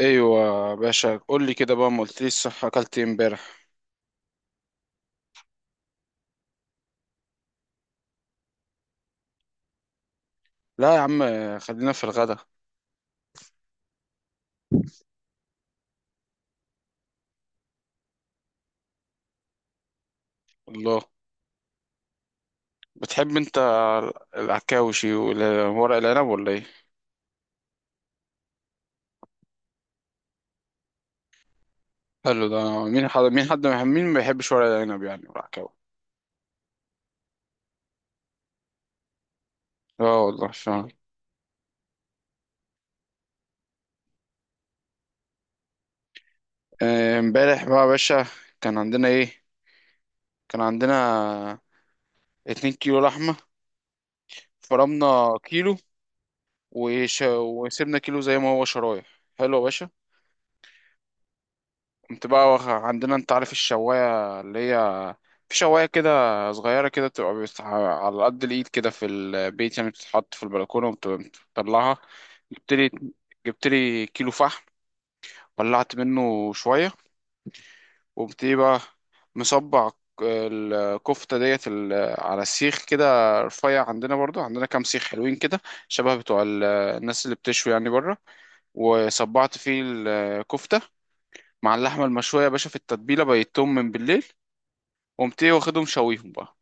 ايوه يا باشا، قول لي كده بقى. ما قلتليش، صح، اكلت ايه امبارح؟ لا يا عم، خلينا في الغدا. الله، بتحب انت العكاوشي وورق العنب ولا ايه؟ حلو ده. مين ما بيحبش ورق العنب يعني والعكاوي؟ اه والله فعلا. امبارح بقى يا باشا كان عندنا ايه؟ كان عندنا 2 كيلو لحمه. فرمنا كيلو وسيبنا كيلو زي ما هو شرايح. حلو يا باشا. كنت بقى عندنا، انت عارف الشواية اللي هي، في شواية كده صغيرة كده بتبقى على قد الإيد كده في البيت، يعني بتتحط في البلكونة وبتطلعها. جبت لي جبت لي كيلو فحم، ولعت منه شوية وقمت ايه بقى، مصبع الكفتة ديت على السيخ كده رفيع. عندنا برضو عندنا كام سيخ حلوين كده، شبه بتوع الناس اللي بتشوي يعني بره. وصبعت فيه الكفتة مع اللحمة المشوية يا باشا، في التتبيلة بيتهم من بالليل. قمت ايه، واخدهم شويهم بقى.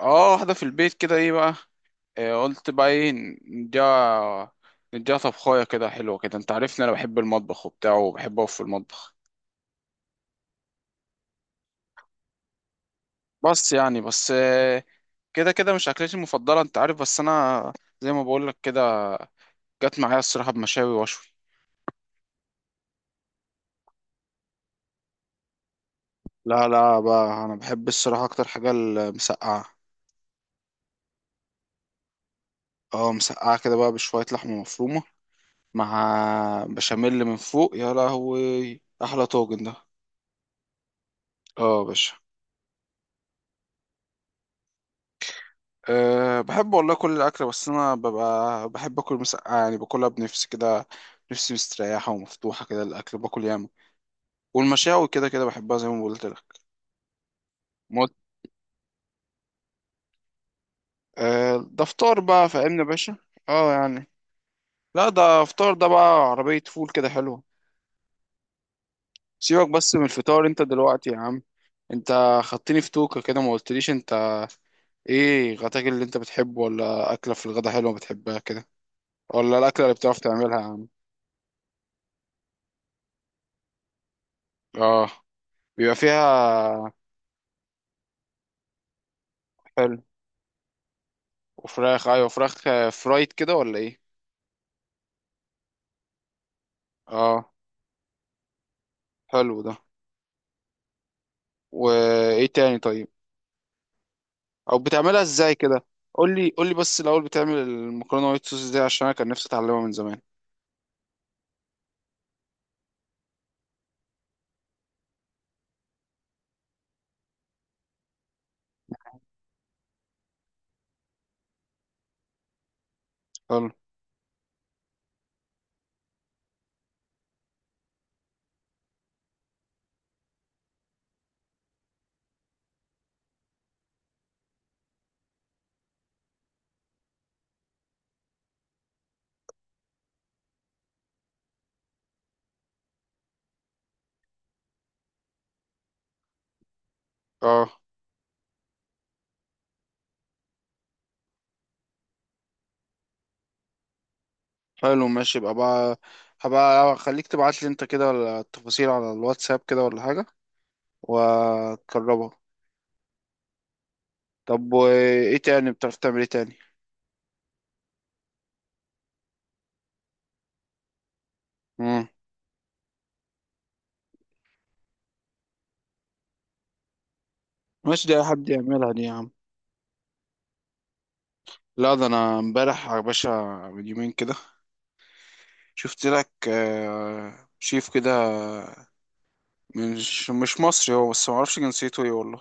اه، واحدة في البيت كده، ايه بقى، آه، قلت بقى ايه، نديها، نديها طبخاية كده حلوة كده. انت عارفني، انا بحب المطبخ وبتاع، وبحب اقف في المطبخ، بس كده كده مش اكلتي المفضلة، انت عارف، بس انا زي ما بقولك كده جت معايا الصراحة بمشاوي وشوي. لا لا بقى، انا بحب الصراحه اكتر حاجه المسقعه. اه، مسقعه كده بقى، بشويه لحمه مفرومه مع بشاميل من فوق، يا لهوي احلى طاجن ده. اه يا باشا. أه بحب والله كل الأكل، بس أنا ببقى بحب أكل مسقعة يعني، باكلها بنفسي كده، نفسي مستريحة ومفتوحة كده، الأكل باكل ياما. والمشاوي كده كده بحبها زي ما قلت لك. ما قلت- أه ده فطار بقى، فاهمني يا باشا. اه يعني. لا ده فطار ده بقى، عربية فول كده حلوة. سيبك بس من الفطار انت دلوقتي يا عم. انت خدتني في توكة كده، ما قلتليش انت ايه غداك اللي انت بتحبه، ولا أكلة في الغدا حلوة بتحبها كده، ولا الأكلة اللي بتعرف تعملها يا عم؟ اه، بيبقى فيها. حلو وفراخ، ايوه فراخ، فرايد كده ولا ايه؟ اه. حلو ده. وايه تاني طيب، او بتعملها ازاي كده؟ قول لي، قول لي بس الاول بتعمل المكرونه وايت صوص دي، عشان انا كان نفسي اتعلمها من زمان. حلو. اه، حلو ماشي. يبقى بقى هبقى خليك تبعت لي انت كده التفاصيل على الواتساب كده ولا حاجه، وتجربها. طب وايه تاني، بتعرف تعمل ايه تاني؟ مم. ماشي، دي اي حد يعملها دي يا عم. لا ده انا امبارح يا باشا، من يومين كده شفت لك شيف كده مش مصري هو، بس معرفش جنسيته ايه والله.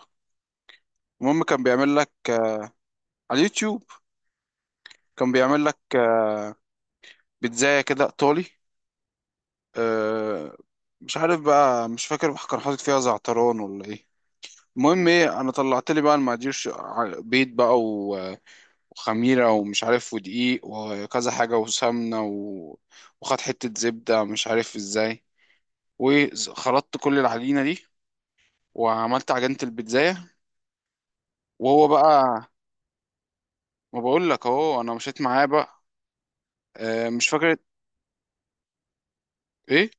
المهم كان بيعمل لك على اليوتيوب، كان بيعمل لك بيتزاية كده ايطالي. آه، مش عارف بقى، مش فاكر كان حاطط فيها زعتران ولا ايه. المهم ايه، انا طلعت لي بقى المقادير، بيض بقى وخميره ومش عارف ودقيق وكذا حاجه وسمنه و... وخد حته زبده، مش عارف ازاي، وخلطت كل العجينه دي وعملت عجينه البيتزا. وهو بقى، ما بقول لك اهو انا مشيت معاه بقى. آه، مش فاكر. ايه؟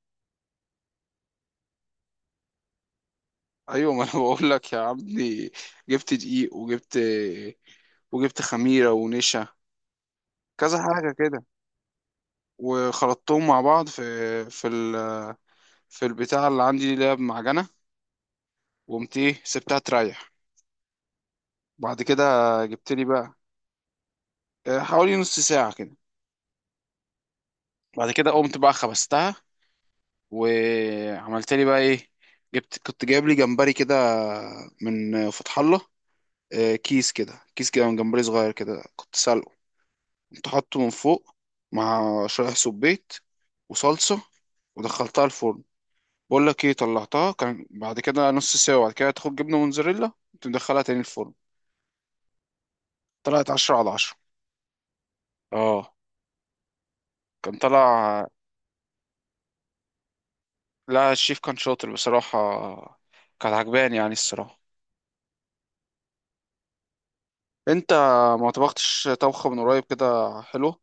ايوه ما انا بقول لك يا عبدي، جبت دقيق وجبت وجبت خميره ونشا كذا حاجه كده، وخلطتهم مع بعض في في ال في البتاع اللي عندي اللي هي بمعجنه. وقمت ايه، سبتها تريح. بعد كده جبت لي بقى، حوالي نص ساعه كده. بعد كده قمت بقى خبزتها، وعملت لي بقى ايه، كنت جايب لي جمبري كده من فتح الله. كيس كده، كيس كده من جمبري صغير كده، كنت سلقه، كنت حاطه من فوق مع شرايح سبيت وصلصة، ودخلتها الفرن. بقول لك ايه، طلعتها كان بعد كده نص ساعة، وبعد كده تاخد جبنة موتزاريلا، تدخلها تاني الفرن. طلعت 10/10. اه، كان طلع. لا الشيف كان شاطر بصراحة، كان عجباني يعني الصراحة. انت ما طبختش طبخة من قريب كده. حلو.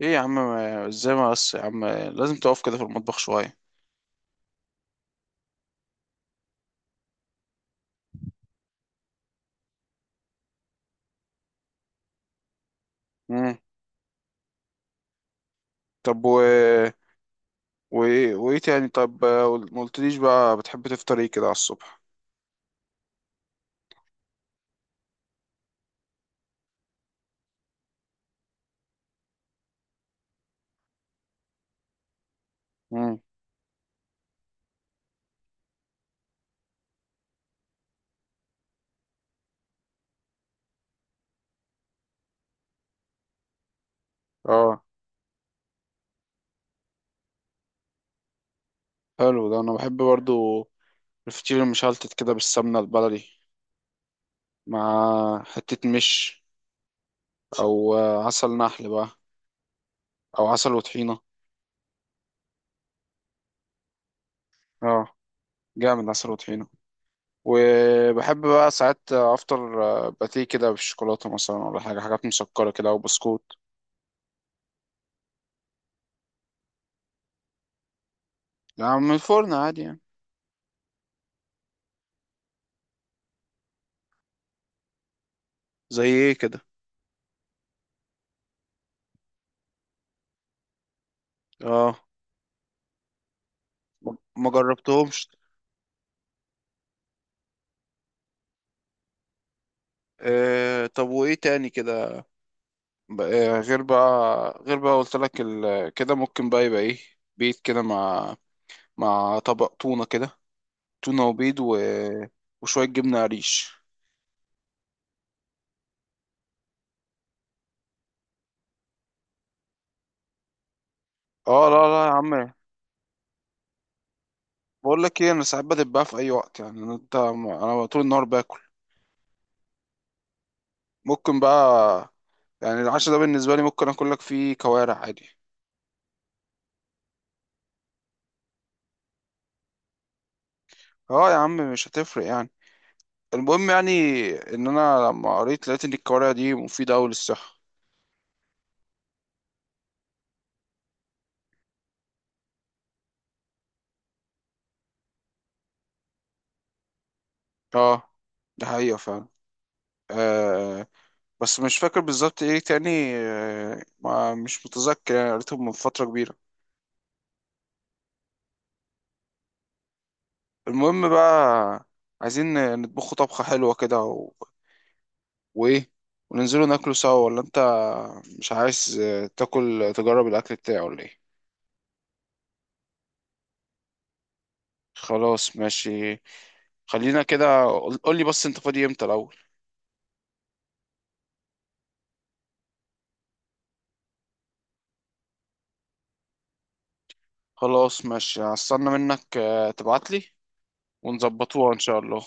ايه يا عم ما- ازاي ما بس يا عم، لازم تقف كده في المطبخ شوية. مم. طب و وايه وايه تاني طب، ما قلتليش بقى، بتحب تفطر ايه كده على الصبح؟ امم. اه حلو ده، انا بحب برضو الفطير المشلتت كده بالسمنه البلدي، مع حته مش، او عسل نحل بقى، او عسل وطحينه. اه، جامد عسل وطحينه. وبحب بقى ساعات افطر باتيه كده بالشوكولاته مثلا، ولا حاجه حاجات مسكره كده، او بسكوت. يعني من الفرن عادي يعني. زي ايه كده؟ اه. ما جربتهمش. آه طب وايه تاني كده، بقى غير بقى، غير بقى قلت لك ال... كده، ممكن بقى يبقى ايه، بيت كده، مع مع طبق تونة كده، تونة وبيض و... وشوية جبنة قريش. اه. لا لا يا عم، بقول لك ايه، انا ساعات بدب في اي وقت يعني، انت انا طول النهار باكل. ممكن بقى يعني العشاء ده بالنسبة لي ممكن اكل لك فيه كوارع عادي. اه يا عم، مش هتفرق يعني. المهم يعني، ان انا لما قريت لقيت ان الكوارع دي مفيدة اوي للصحة. اه، ده حقيقة فعلا. آه، بس مش فاكر بالظبط ايه تاني. ما مش متذكر يعني، قريته من فترة كبيرة. المهم بقى، عايزين نطبخه طبخة حلوة كده و... وايه، وننزلوا ناكله سوا. ولا انت مش عايز تاكل تجرب الأكل بتاعه ولا ايه؟ خلاص ماشي، خلينا كده. قول لي بس انت فاضي امتى الأول. خلاص ماشي، هستنى منك تبعتلي ونظبطوها ان شاء الله.